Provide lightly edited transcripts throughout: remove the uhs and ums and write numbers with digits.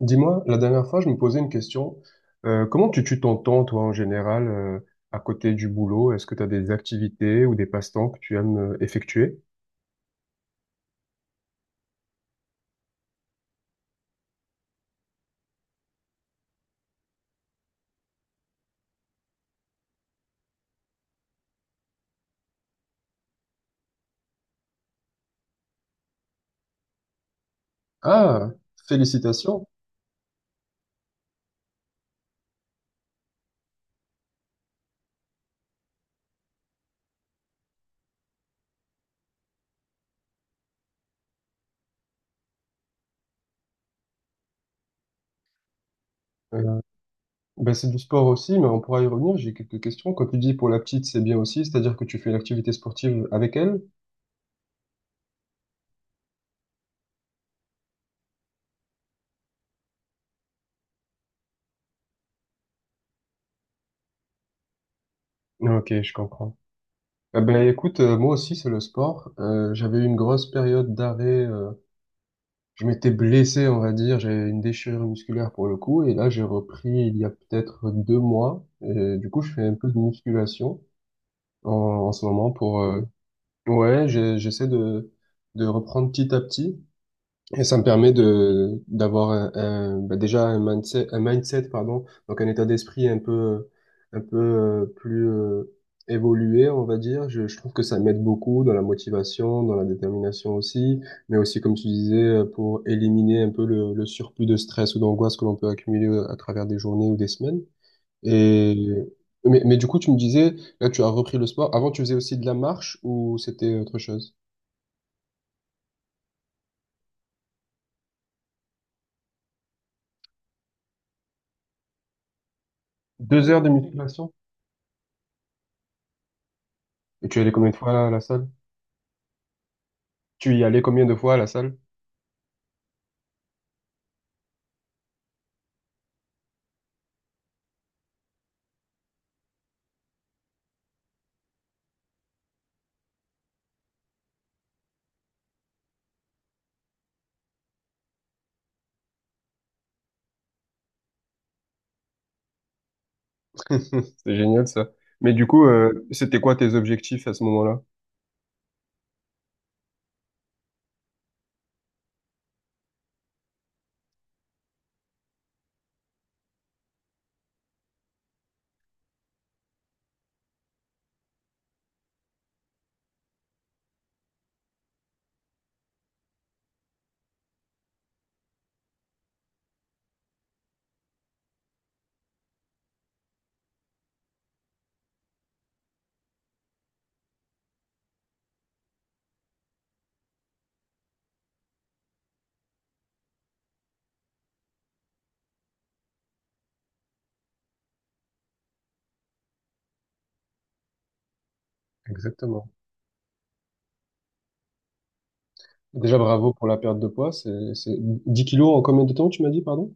Dis-moi, la dernière fois, je me posais une question. Comment tu tues ton temps, toi, en général, à côté du boulot? Est-ce que tu as des activités ou des passe-temps que tu aimes effectuer? Ah, félicitations. Euh, ben c'est du sport aussi, mais on pourra y revenir. J'ai quelques questions. Quand tu dis pour la petite, c'est bien aussi, c'est-à-dire que tu fais une activité sportive avec elle? Ok, je comprends. Eh ben écoute, moi aussi, c'est le sport. J'avais eu une grosse période d'arrêt. Je m'étais blessé, on va dire, j'ai une déchirure musculaire pour le coup, et là j'ai repris il y a peut-être 2 mois, et du coup je fais un peu de musculation en ce moment pour, ouais, j'essaie de reprendre petit à petit, et ça me permet de d'avoir bah, déjà un mindset pardon, donc un état d'esprit un peu, plus évolué, on va dire. Je trouve que ça m'aide beaucoup dans la motivation, dans la détermination aussi, mais aussi comme tu disais pour éliminer un peu le surplus de stress ou d'angoisse que l'on peut accumuler à travers des journées ou des semaines. Et mais du coup, tu me disais, là, tu as repris le sport. Avant, tu faisais aussi de la marche ou c'était autre chose? 2 heures de musculation? Et tu allais combien de fois à la salle? Tu y allais combien de fois à la salle? C'est génial ça. Mais du coup, c'était quoi tes objectifs à ce moment-là? Exactement. Déjà, bravo pour la perte de poids. C'est 10 kilos en combien de temps, tu m'as dit, pardon?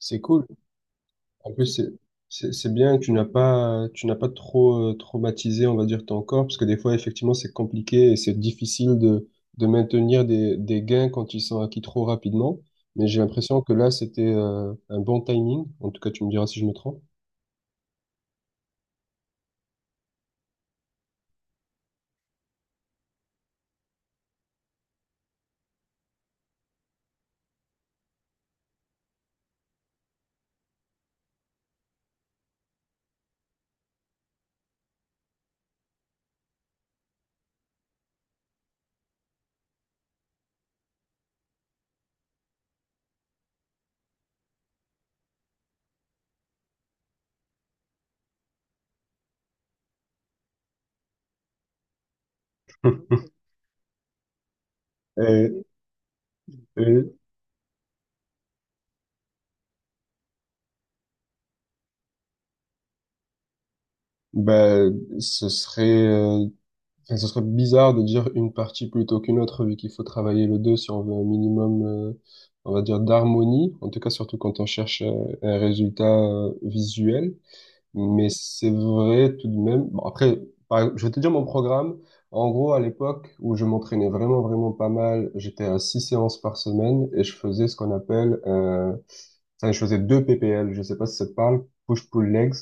C'est cool. En plus, c'est bien que tu n'as pas trop traumatisé, on va dire, ton corps, parce que des fois, effectivement, c'est compliqué et c'est difficile de maintenir des gains quand ils sont acquis trop rapidement. Mais j'ai l'impression que là, c'était un bon timing. En tout cas, tu me diras si je me trompe. Et, et Ben, ce serait, enfin, ce serait bizarre de dire une partie plutôt qu'une autre, vu qu'il faut travailler le deux si on veut un minimum, on va dire, d'harmonie, en tout cas surtout quand on cherche un résultat visuel. Mais c'est vrai tout de même. Bon, après, je vais te dire mon programme. En gros, à l'époque où je m'entraînais vraiment, vraiment pas mal, j'étais à six séances par semaine et je faisais ce qu'on appelle, enfin, je faisais deux PPL. Je sais pas si ça te parle, push-pull legs.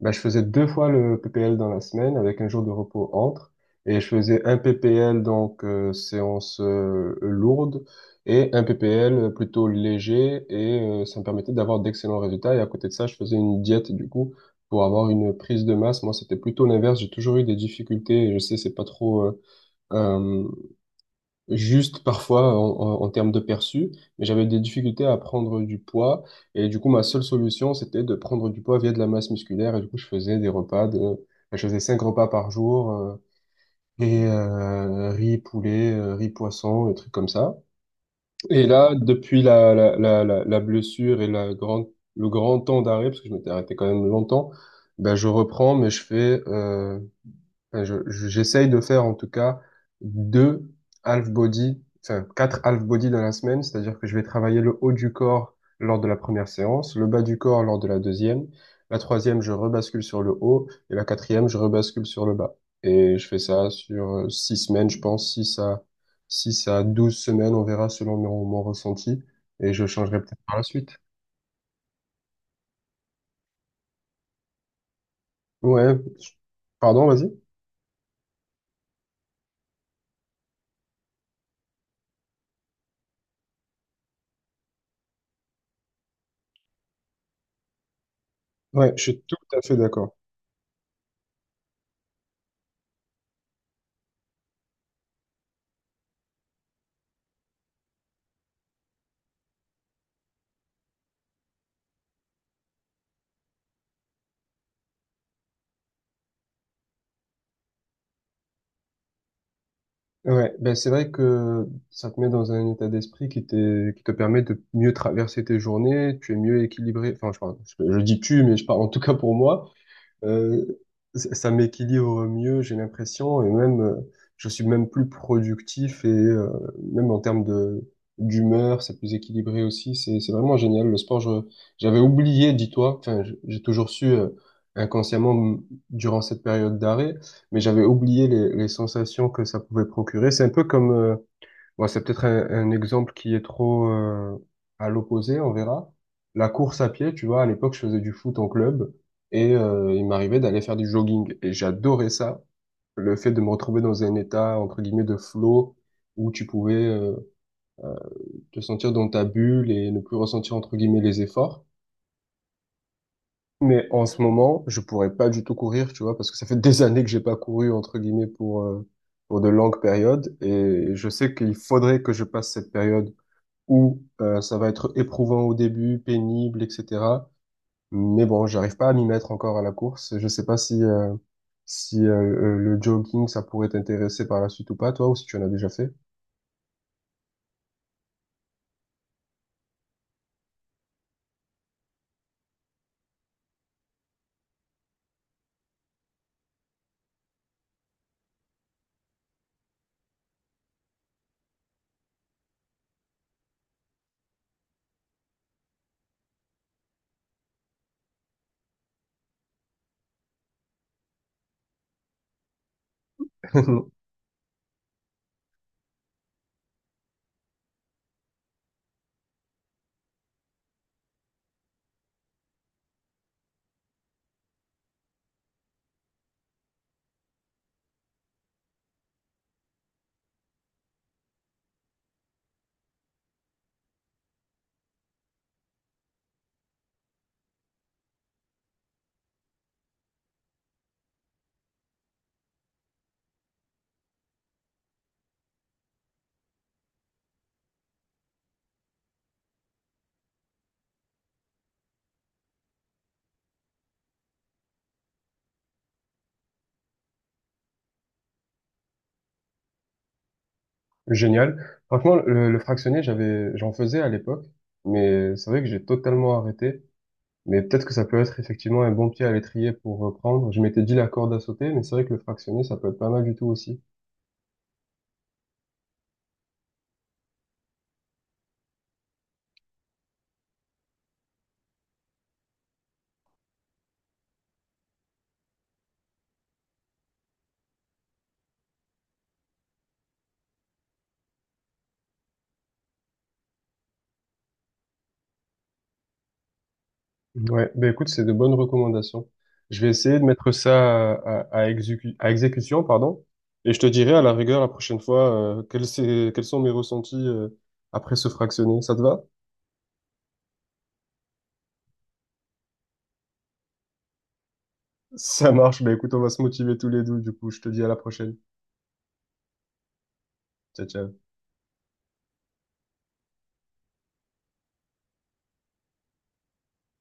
Ben, je faisais deux fois le PPL dans la semaine avec un jour de repos entre. Et je faisais un PPL, donc séance lourde, et un PPL plutôt léger. Et ça me permettait d'avoir d'excellents résultats. Et à côté de ça, je faisais une diète, du coup, pour avoir une prise de masse. Moi, c'était plutôt l'inverse. J'ai toujours eu des difficultés. Et je sais, c'est pas trop euh, juste parfois en, en termes de perçu, mais j'avais des difficultés à prendre du poids. Et du coup, ma seule solution, c'était de prendre du poids via de la masse musculaire. Et du coup, je faisais je faisais cinq repas par jour. Et riz poulet, riz poisson, des trucs comme ça. Et là, depuis la blessure et le grand temps d'arrêt, parce que je m'étais arrêté quand même longtemps, ben je reprends, mais je fais enfin, j'essaye de faire en tout cas deux half body, enfin quatre half body dans la semaine, c'est-à-dire que je vais travailler le haut du corps lors de la première séance, le bas du corps lors de la deuxième, la troisième je rebascule sur le haut et la quatrième je rebascule sur le bas. Et je fais ça sur 6 semaines, je pense, 6 à 12 semaines, on verra selon mon ressenti et je changerai peut-être par la suite. Ouais, pardon, vas-y. Ouais, je suis tout à fait d'accord. Ouais, ben c'est vrai que ça te met dans un état d'esprit qui te permet de mieux traverser tes journées, tu es mieux équilibré, enfin je dis tu, mais je parle en tout cas pour moi, euh, ça m'équilibre mieux, j'ai l'impression, et même, je suis même plus productif et même en termes de d'humeur, c'est plus équilibré aussi. C'est vraiment génial le sport. Je j'avais oublié, dis-toi. Enfin, j'ai toujours su inconsciemment durant cette période d'arrêt, mais j'avais oublié les sensations que ça pouvait procurer. C'est un peu comme bon, c'est peut-être un exemple qui est trop à l'opposé, on verra. La course à pied, tu vois, à l'époque, je faisais du foot en club et il m'arrivait d'aller faire du jogging et j'adorais ça. Le fait de me retrouver dans un état, entre guillemets, de flow où tu pouvais te sentir dans ta bulle et ne plus ressentir, entre guillemets, les efforts. Mais en ce moment, je pourrais pas du tout courir, tu vois, parce que ça fait des années que j'ai pas couru, entre guillemets, pour de longues périodes et je sais qu'il faudrait que je passe cette période où ça va être éprouvant au début, pénible, etc. Mais bon, j'arrive pas à m'y mettre encore à la course. Je sais pas si le jogging ça pourrait t'intéresser par la suite ou pas, toi, ou si tu en as déjà fait. Génial. Franchement, le fractionné, j'en faisais à l'époque, mais c'est vrai que j'ai totalement arrêté. Mais peut-être que ça peut être effectivement un bon pied à l'étrier pour reprendre. Je m'étais dit la corde à sauter, mais c'est vrai que le fractionné, ça peut être pas mal du tout aussi. Ouais, ben écoute, c'est de bonnes recommandations. Je vais essayer de mettre ça à exécution, pardon, et je te dirai à la rigueur la prochaine fois quels sont mes ressentis après ce fractionné. Ça te va? Ça marche, ben écoute, on va se motiver tous les deux, du coup, je te dis à la prochaine. Ciao, ciao.